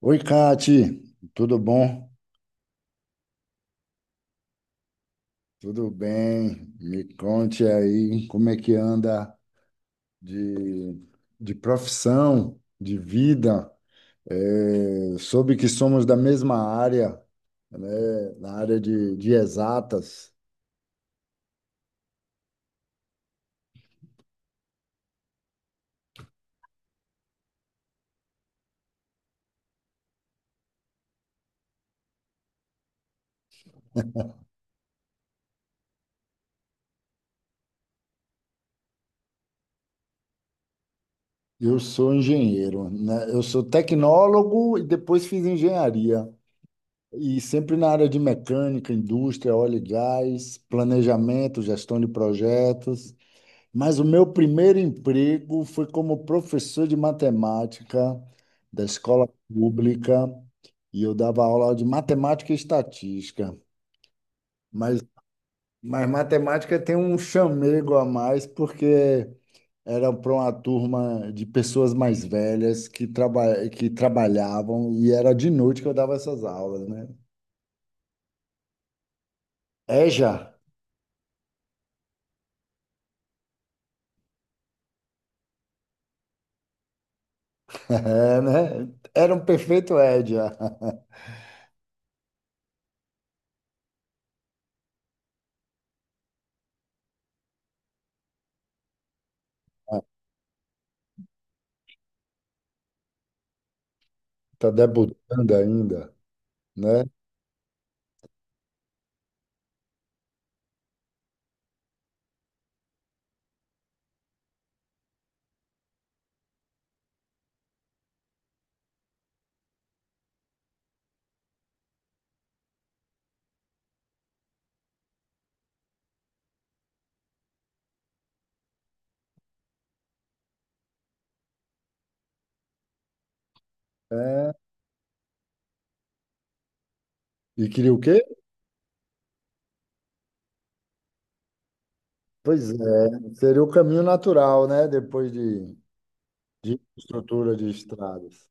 Oi, Kati, tudo bom? Tudo bem? Me conte aí como é que anda de, de profissão, de vida. É, soube que somos da mesma área, né? Na área de exatas. Eu sou engenheiro, né? Eu sou tecnólogo e depois fiz engenharia. E sempre na área de mecânica, indústria, óleo e gás, planejamento, gestão de projetos. Mas o meu primeiro emprego foi como professor de matemática da escola pública e eu dava aula de matemática e estatística. Mas, mas matemática tem um chamego a mais porque era para uma turma de pessoas mais velhas que que trabalhavam e era de noite que eu dava essas aulas, né? EJA, é, né? Era um perfeito EJA. Tá debutando ainda, né? É. E queria o quê? Pois é, seria o caminho natural, né? Depois de estrutura de estradas.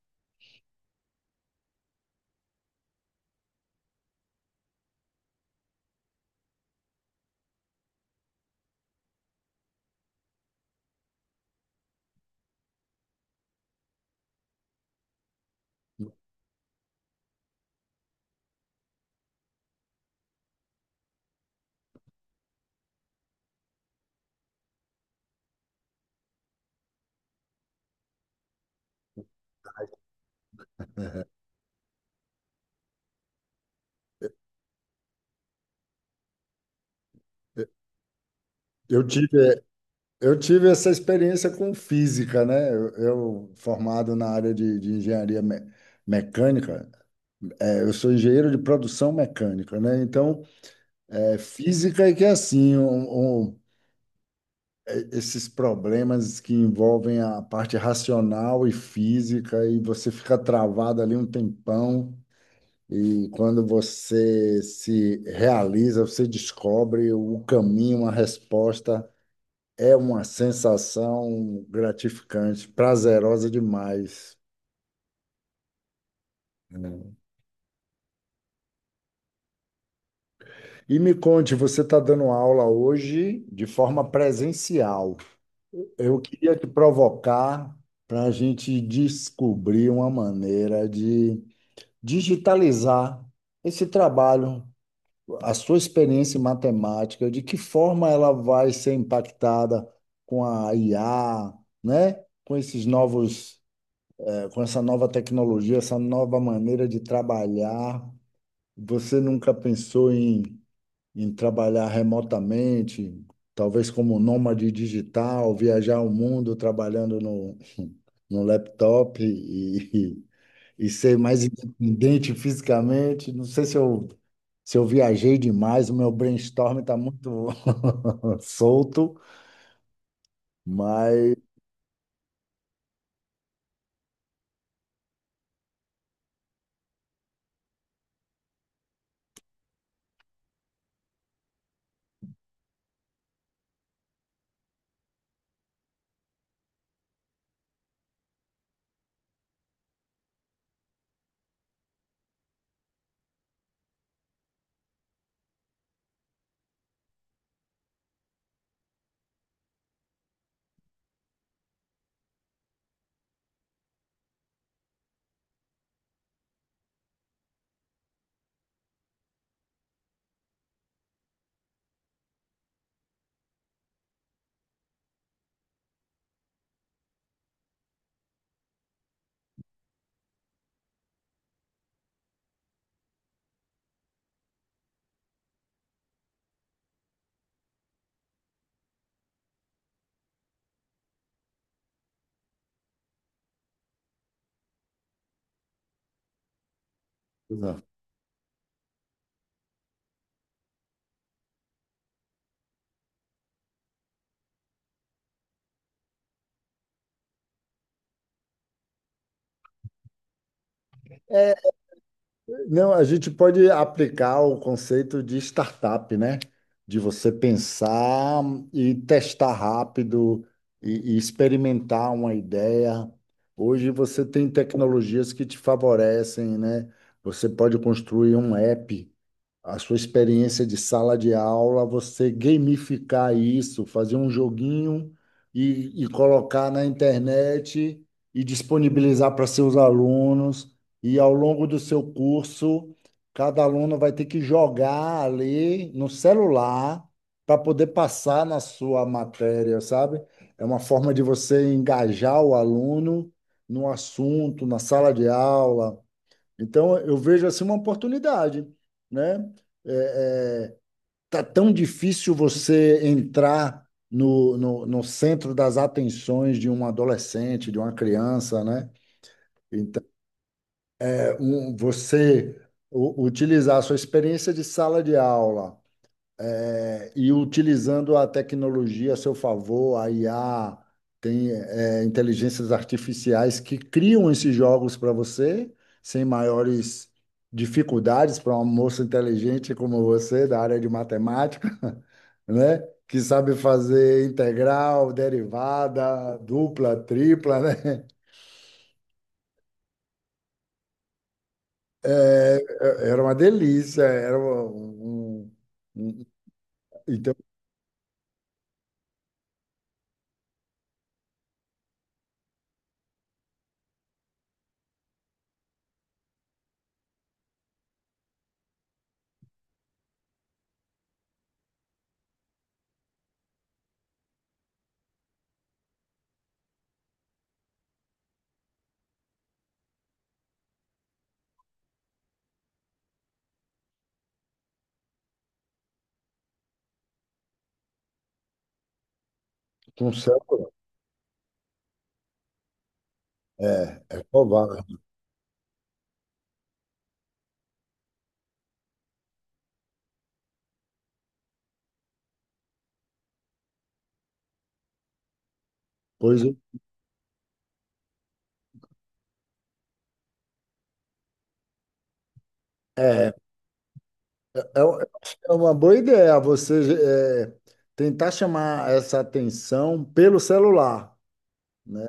É. Eu tive, eu tive essa experiência com física, né? Formado na área de engenharia mecânica, é, eu sou engenheiro de produção mecânica, né? Então, é, física é que é assim, é, esses problemas que envolvem a parte racional e física, e você fica travado ali um tempão. E quando você se realiza, você descobre o caminho, a resposta. É uma sensação gratificante, prazerosa demais, né? E me conte, você está dando aula hoje de forma presencial. Eu queria te provocar para a gente descobrir uma maneira de digitalizar esse trabalho, a sua experiência em matemática, de que forma ela vai ser impactada com a IA, né? Com esses novos, com essa nova tecnologia, essa nova maneira de trabalhar. Você nunca pensou em trabalhar remotamente, talvez como nômade digital, viajar o mundo trabalhando no laptop e ser mais independente fisicamente. Não sei se se eu viajei demais, o meu brainstorm está muito solto, mas. É, não, a gente pode aplicar o conceito de startup, né? De você pensar e testar rápido e experimentar uma ideia. Hoje você tem tecnologias que te favorecem, né? Você pode construir um app, a sua experiência de sala de aula, você gamificar isso, fazer um joguinho e colocar na internet e disponibilizar para seus alunos. E ao longo do seu curso, cada aluno vai ter que jogar ali no celular para poder passar na sua matéria, sabe? É uma forma de você engajar o aluno no assunto, na sala de aula. Então, eu vejo assim uma oportunidade, né? É, é, tá tão difícil você entrar no centro das atenções de um adolescente, de uma criança, né? Então, é, você utilizar a sua experiência de sala de aula. É, e utilizando a tecnologia a seu favor, a IA, tem é, inteligências artificiais que criam esses jogos para você, sem maiores dificuldades para uma moça inteligente como você, da área de matemática, né? Que sabe fazer integral, derivada, dupla, tripla, né? Era uma delícia, era um, então, um céu, é provável. Pois é. É, eu acho que é uma boa ideia você tentar chamar essa atenção pelo celular, né?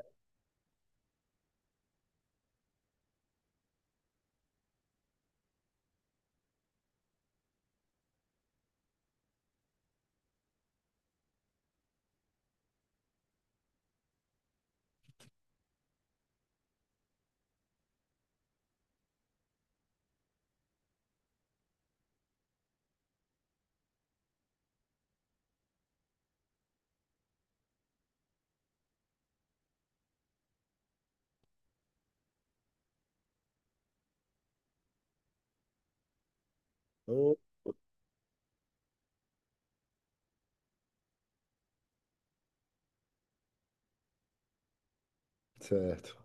Oh, certo.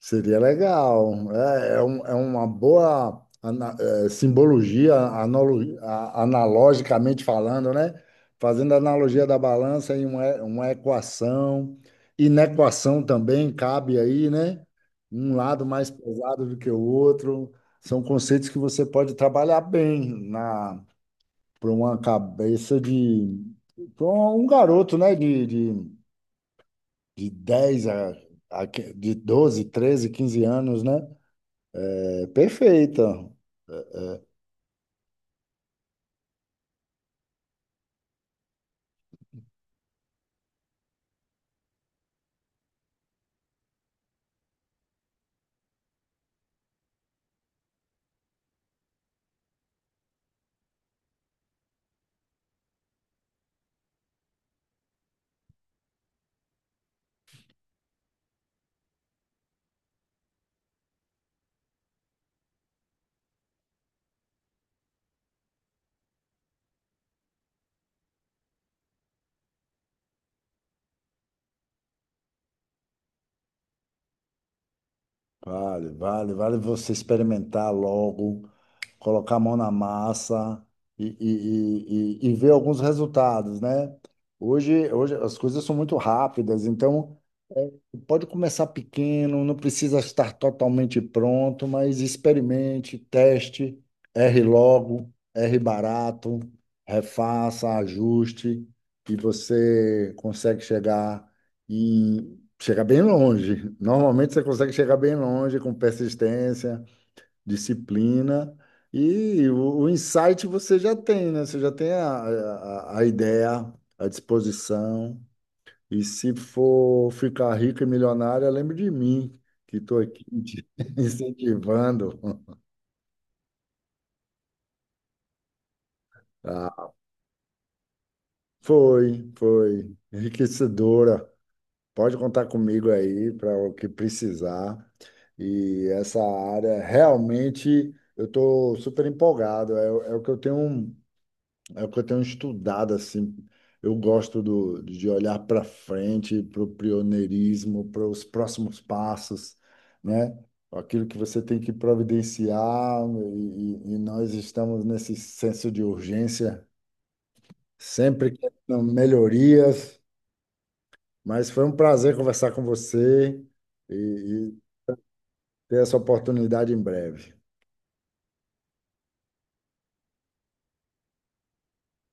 Seria legal. É, é, é uma boa é, simbologia, analogicamente falando, né? Fazendo a analogia da balança em uma equação. Inequação também cabe aí, né? Um lado mais pesado do que o outro. São conceitos que você pode trabalhar bem para uma cabeça de para um garoto, né, de 10 a, de 12 13 15 anos, né? É perfeita. Vale, vale, vale você experimentar logo, colocar a mão na massa e ver alguns resultados, né? Hoje, hoje as coisas são muito rápidas, então pode começar pequeno, não precisa estar totalmente pronto, mas experimente, teste, erre logo, erre barato, refaça, ajuste, e você consegue chegar em chegar bem longe. Normalmente você consegue chegar bem longe com persistência, disciplina, e o insight você já tem, né? Você já tem a ideia, a disposição. E se for ficar rico e milionário, lembre de mim, que estou aqui te incentivando. Ah, foi, foi. Enriquecedora. Pode contar comigo aí para o que precisar. E essa área, realmente, eu estou super empolgado. É, o é o que eu tenho, um, é o que eu tenho estudado, assim. Eu gosto do, de olhar para frente, para o pioneirismo, para os próximos passos, né? Aquilo que você tem que providenciar, e nós estamos nesse senso de urgência, sempre querendo melhorias. Mas foi um prazer conversar com você e ter essa oportunidade em breve.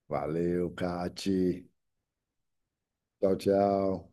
Valeu, Cati. Tchau, tchau.